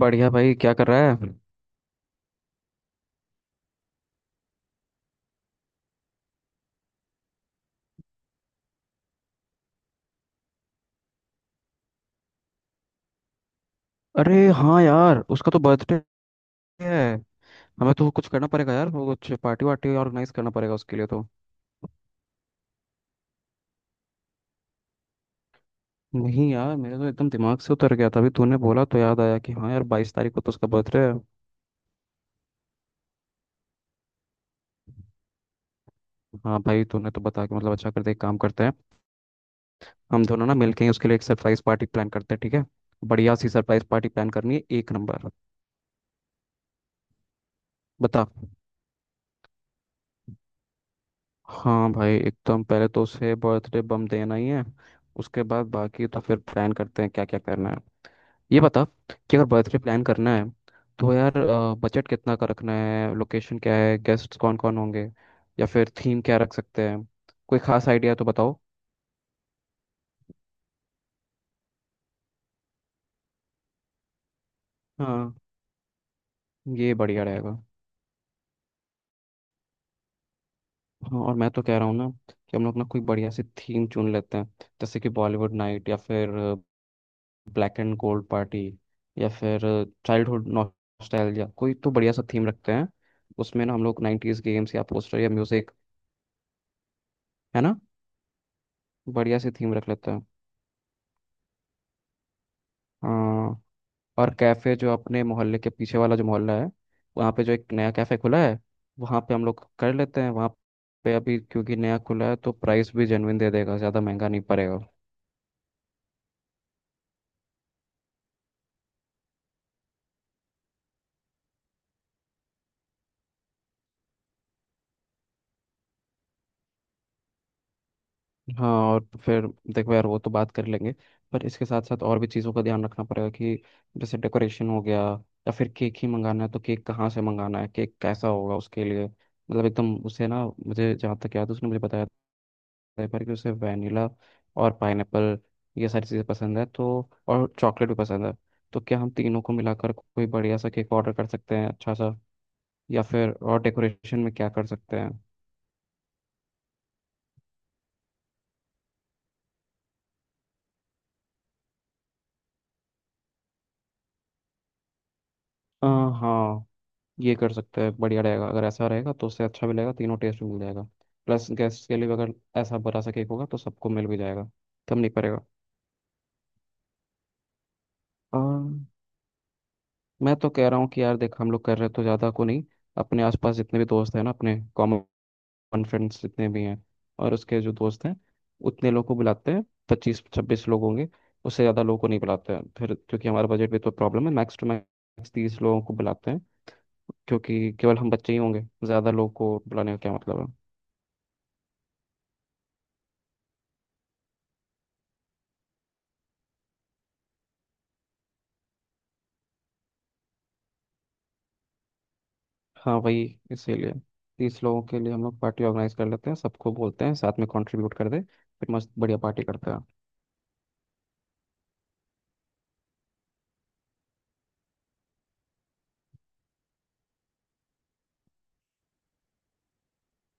बढ़िया भाई क्या कर रहा है। अरे हाँ यार उसका तो बर्थडे है। हमें तो कुछ करना पड़ेगा यार, वो कुछ पार्टी वार्टी ऑर्गेनाइज करना पड़ेगा उसके लिए तो। नहीं यार, मेरे तो एकदम दिमाग से उतर गया था, अभी तूने बोला तो याद आया कि हाँ यार 22 तारीख को तो उसका बर्थडे है। हाँ भाई, तूने तो बता के मतलब अच्छा, करते एक काम करते हैं, हम दोनों ना मिलके ही उसके लिए एक सरप्राइज पार्टी प्लान करते हैं, ठीक है। बढ़िया सी सरप्राइज पार्टी प्लान करनी है, एक नंबर। बता। हाँ भाई, एकदम पहले तो उसे बर्थडे बम देना ही है, उसके बाद बाकी तो फिर प्लान करते हैं क्या क्या करना है। ये बता कि अगर बर्थडे प्लान करना है तो यार बजट कितना का रखना है, लोकेशन क्या है, गेस्ट कौन कौन होंगे, या फिर थीम क्या रख सकते हैं। कोई खास आइडिया तो बताओ। हाँ, ये बढ़िया रहेगा। हाँ, और मैं तो कह रहा हूँ ना कि हम लोग ना कोई बढ़िया सी थीम चुन लेते हैं, जैसे कि बॉलीवुड नाइट, या फिर ब्लैक एंड गोल्ड पार्टी, या फिर चाइल्डहुड नॉस्टैल्जिया, कोई तो बढ़िया सा थीम रखते हैं। उसमें ना हम लोग नाइन्टीज गेम्स या पोस्टर या म्यूजिक, है ना। बढ़िया सी थीम रख लेते हैं। हाँ, और कैफ़े, जो अपने मोहल्ले के पीछे वाला जो मोहल्ला है वहाँ पे जो एक नया कैफ़े खुला है वहाँ पे हम लोग कर लेते हैं। वहाँ पे अभी क्योंकि नया खुला है तो प्राइस भी जेन्युइन दे देगा, ज़्यादा महंगा नहीं पड़ेगा। हाँ, और फिर देखो यार, वो तो बात कर लेंगे, पर इसके साथ साथ और भी चीज़ों का ध्यान रखना पड़ेगा, कि जैसे डेकोरेशन हो गया, या फिर केक ही मंगाना है तो केक कहाँ से मंगाना है, केक कैसा होगा उसके लिए। मतलब एकदम उसे ना, मुझे जहाँ तक याद है उसने मुझे बताया है, पर कि उसे वैनिला और पाइनएप्पल ये सारी चीज़ें पसंद है तो, और चॉकलेट भी पसंद है। तो क्या हम तीनों को मिलाकर कोई बढ़िया सा केक ऑर्डर कर सकते हैं अच्छा सा, या फिर और डेकोरेशन में क्या कर सकते हैं। अ, हाँ, ये कर सकते हैं, बढ़िया रहेगा। अगर ऐसा रहेगा तो उससे अच्छा भी लगेगा, तीनों टेस्ट भी मिल जाएगा, प्लस गेस्ट के लिए भी अगर ऐसा बड़ा सा केक होगा तो सबको मिल भी जाएगा, कम नहीं पड़ेगा। अम, मैं तो कह रहा हूँ कि यार देख, हम लोग कर रहे हैं तो ज़्यादा को नहीं। अपने आसपास जितने भी दोस्त हैं ना, अपने कॉमन फ्रेंड्स जितने भी हैं, और उसके जो दोस्त हैं, उतने लोग को बुलाते हैं, 25-26 लोग होंगे। उससे ज़्यादा लोगों को नहीं बुलाते हैं फिर, क्योंकि हमारा बजट भी तो प्रॉब्लम है, मैक्स टू मैक्स 30 लोगों को बुलाते हैं। क्योंकि केवल हम बच्चे ही होंगे, ज़्यादा लोगों को बुलाने का क्या मतलब है। हाँ वही, इसीलिए 30 लोगों के लिए हम लोग पार्टी ऑर्गेनाइज कर लेते हैं, सबको बोलते हैं साथ में कंट्रीब्यूट कर दे, फिर मस्त बढ़िया पार्टी करते हैं।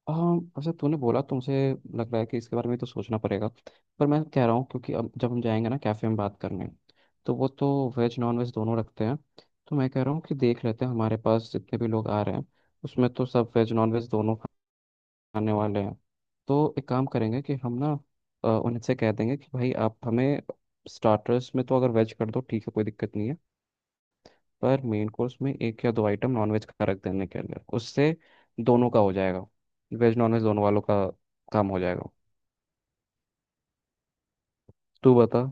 हाँ, वैसे तूने बोला तुमसे लग रहा है कि इसके बारे में तो सोचना पड़ेगा। पर मैं कह रहा हूँ, क्योंकि अब जब हम जाएंगे ना कैफ़े में बात करने, तो वो तो वेज नॉन वेज दोनों रखते हैं। तो मैं कह रहा हूँ कि देख लेते हैं, हमारे पास जितने भी लोग आ रहे हैं उसमें तो सब वेज नॉन वेज दोनों खाने वाले हैं। तो एक काम करेंगे कि हम ना उनसे कह देंगे कि भाई आप हमें स्टार्टर्स में तो अगर वेज कर दो ठीक है, कोई दिक्कत नहीं है, पर मेन कोर्स में एक या दो आइटम नॉनवेज का रख देने के अंदर उससे दोनों का हो जाएगा, वेज नॉनवेज दोनों वालों का काम हो जाएगा। तू बता।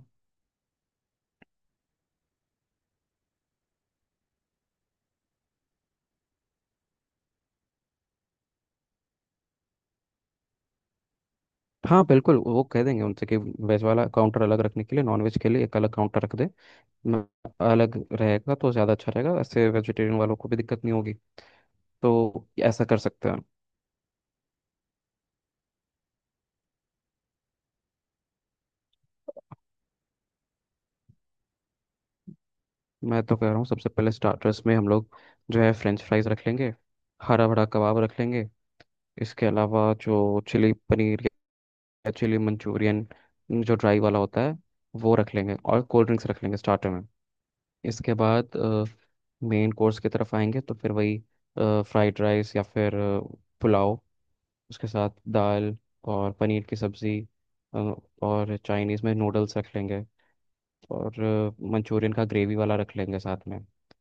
हाँ बिल्कुल, वो कह देंगे उनसे कि वेज वाला काउंटर अलग रखने के लिए, नॉनवेज के लिए एक अलग काउंटर रख दे। न- अलग रहेगा तो ज़्यादा अच्छा रहेगा, ऐसे वेजिटेरियन वालों को भी दिक्कत नहीं होगी, तो ऐसा कर सकते हैं। मैं तो कह रहा हूँ सबसे पहले स्टार्टर्स में हम लोग जो है फ्रेंच फ्राइज रख लेंगे, हरा भरा कबाब रख लेंगे। इसके अलावा जो चिली पनीर, चिली मंचूरियन जो ड्राई वाला होता है वो रख लेंगे, और कोल्ड ड्रिंक्स रख लेंगे स्टार्टर में। इसके बाद मेन कोर्स की तरफ आएंगे, तो फिर वही फ्राइड राइस, या फिर पुलाव, उसके साथ दाल और पनीर की सब्ज़ी, अ, और चाइनीज़ में नूडल्स रख लेंगे, और मंचूरियन का ग्रेवी वाला रख लेंगे साथ में।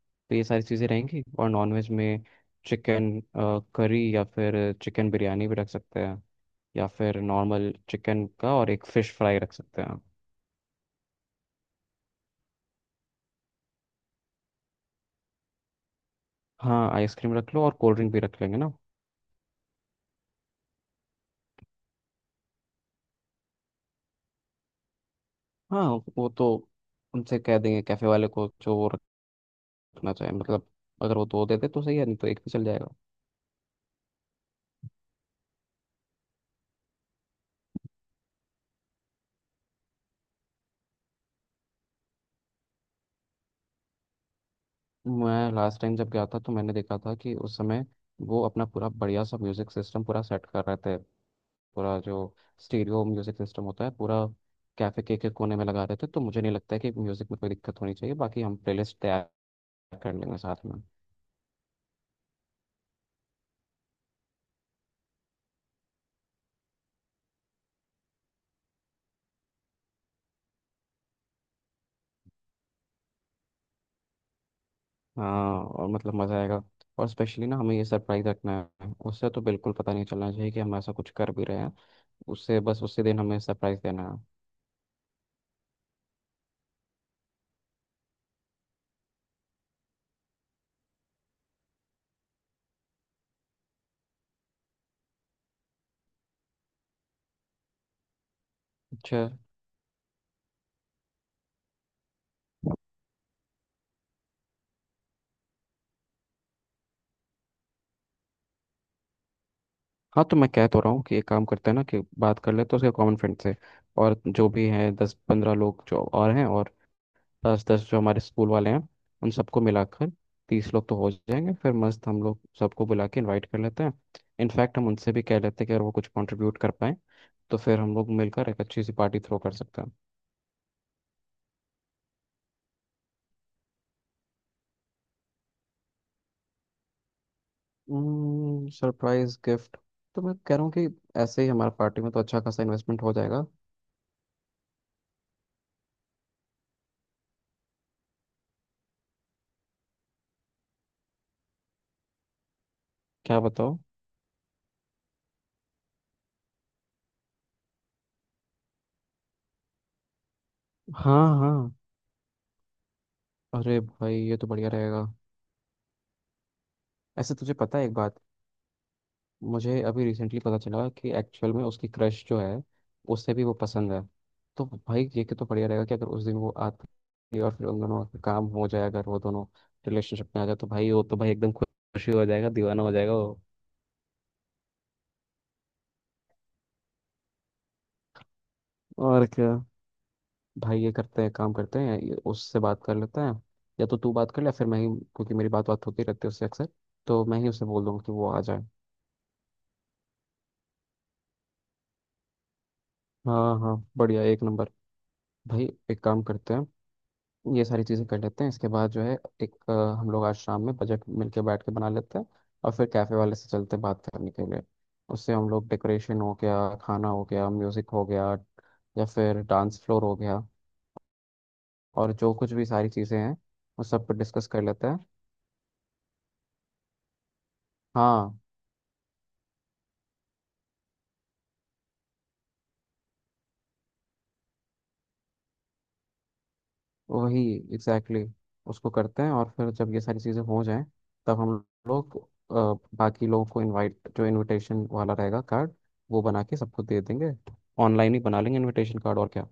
तो ये सारी चीज़ें रहेंगी। और नॉनवेज में चिकन करी, या फिर चिकन बिरयानी भी रख सकते हैं, या फिर नॉर्मल चिकन का और एक फ़िश फ्राई रख सकते हैं। हाँ, आइसक्रीम रख लो, और कोल्ड ड्रिंक भी रख लेंगे ना। हाँ, वो तो उनसे कह देंगे कैफ़े वाले को जो वो रखना चाहे। मतलब अगर वो दो दे दे तो सही है, नहीं तो एक भी चल जाएगा। मैं लास्ट टाइम जब गया था तो मैंने देखा था कि उस समय वो अपना पूरा बढ़िया सा म्यूज़िक सिस्टम पूरा सेट कर रहे थे। पूरा जो स्टीरियो म्यूजिक सिस्टम होता है पूरा कैफे के कोने में लगा देते हैं, तो मुझे नहीं लगता है कि म्यूजिक में कोई दिक्कत होनी चाहिए। बाकी हम प्लेलिस्ट तैयार कर लेंगे साथ में। हाँ, और मतलब मज़ा आएगा। और स्पेशली ना, हमें ये सरप्राइज रखना है, उससे तो बिल्कुल पता नहीं चलना चाहिए कि हम ऐसा कुछ कर भी रहे हैं। उससे बस उसी दिन हमें सरप्राइज देना है। अच्छा। हाँ, तो मैं कह तो रहा हूँ कि एक काम करते हैं ना कि बात कर लेते हैं उसके कॉमन फ्रेंड से, और जो भी हैं 10-15 लोग जो और हैं, और दस दस जो हमारे स्कूल वाले हैं, उन सबको मिलाकर 30 लोग तो हो जाएंगे। फिर मस्त हम लोग सबको बुला के इनवाइट कर लेते हैं। इनफैक्ट हम उनसे भी कह लेते हैं कि अगर वो कुछ कंट्रीब्यूट कर पाए तो फिर हम लोग मिलकर एक अच्छी सी पार्टी थ्रो कर सकते हैं। सरप्राइज गिफ्ट, तो मैं कह रहा हूँ कि ऐसे ही हमारा पार्टी में तो अच्छा खासा इन्वेस्टमेंट हो जाएगा। क्या बताओ। हाँ हाँ, अरे भाई ये तो बढ़िया रहेगा। ऐसे तुझे पता है एक बात, मुझे अभी रिसेंटली पता चला कि एक्चुअल में उसकी क्रश जो है उससे भी वो पसंद है। तो भाई ये कि तो बढ़िया रहेगा, कि अगर उस दिन वो आती है और फिर उन दोनों का काम हो जाए, अगर वो दोनों रिलेशनशिप में आ जाए तो भाई वो तो भाई एकदम खुशी हो जाएगा, दीवाना हो जाएगा वो। और क्या। भाई ये करते हैं, काम करते हैं, ये उससे बात कर लेते हैं। या तो तू बात कर ले, फिर मैं ही, क्योंकि मेरी बात बात होती रहती है उससे अक्सर, तो मैं ही उसे बोल दूंगा कि वो आ जाए। हाँ हाँ, बढ़िया, एक नंबर। भाई एक काम करते हैं, ये सारी चीज़ें कर लेते हैं, इसके बाद जो है एक हम लोग आज शाम में बजट मिलके बैठ के बना लेते हैं, और फिर कैफ़े वाले से चलते हैं बात करने के लिए। उससे हम लोग डेकोरेशन हो गया, खाना हो गया, म्यूज़िक हो गया, या फिर डांस फ्लोर हो गया, और जो कुछ भी सारी चीज़ें हैं वो सब पर डिस्कस कर लेते हैं। हाँ वही, एग्जैक्टली उसको करते हैं। और फिर जब ये सारी चीज़ें हो जाएं तब हम लोग अ, बाकी लोगों को इनवाइट, जो इनविटेशन वाला रहेगा कार्ड, वो बना के सबको दे देंगे। ऑनलाइन ही बना लेंगे इनविटेशन कार्ड, और क्या।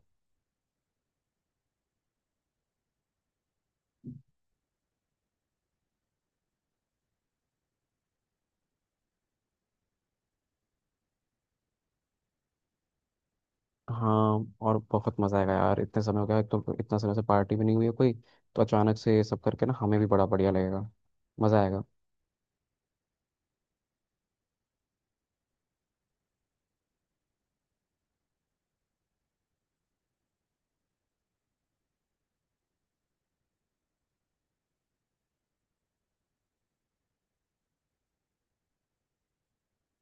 हाँ, और बहुत मजा आएगा यार, इतने समय हो गया, एक तो इतना समय से पार्टी भी नहीं हुई है कोई, तो अचानक से ये सब करके ना हमें भी बड़ा बढ़िया लगेगा, मजा आएगा।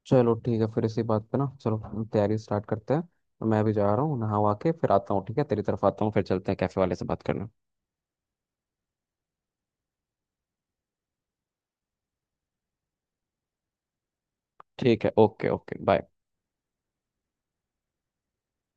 चलो ठीक है, फिर इसी बात पे ना चलो, तैयारी स्टार्ट करते हैं, तो मैं भी जा रहा हूँ नहा वहा के फिर आता हूँ। ठीक है, तेरी तरफ आता हूँ फिर चलते हैं कैफे वाले से बात करना। ठीक है, ओके ओके, बाय।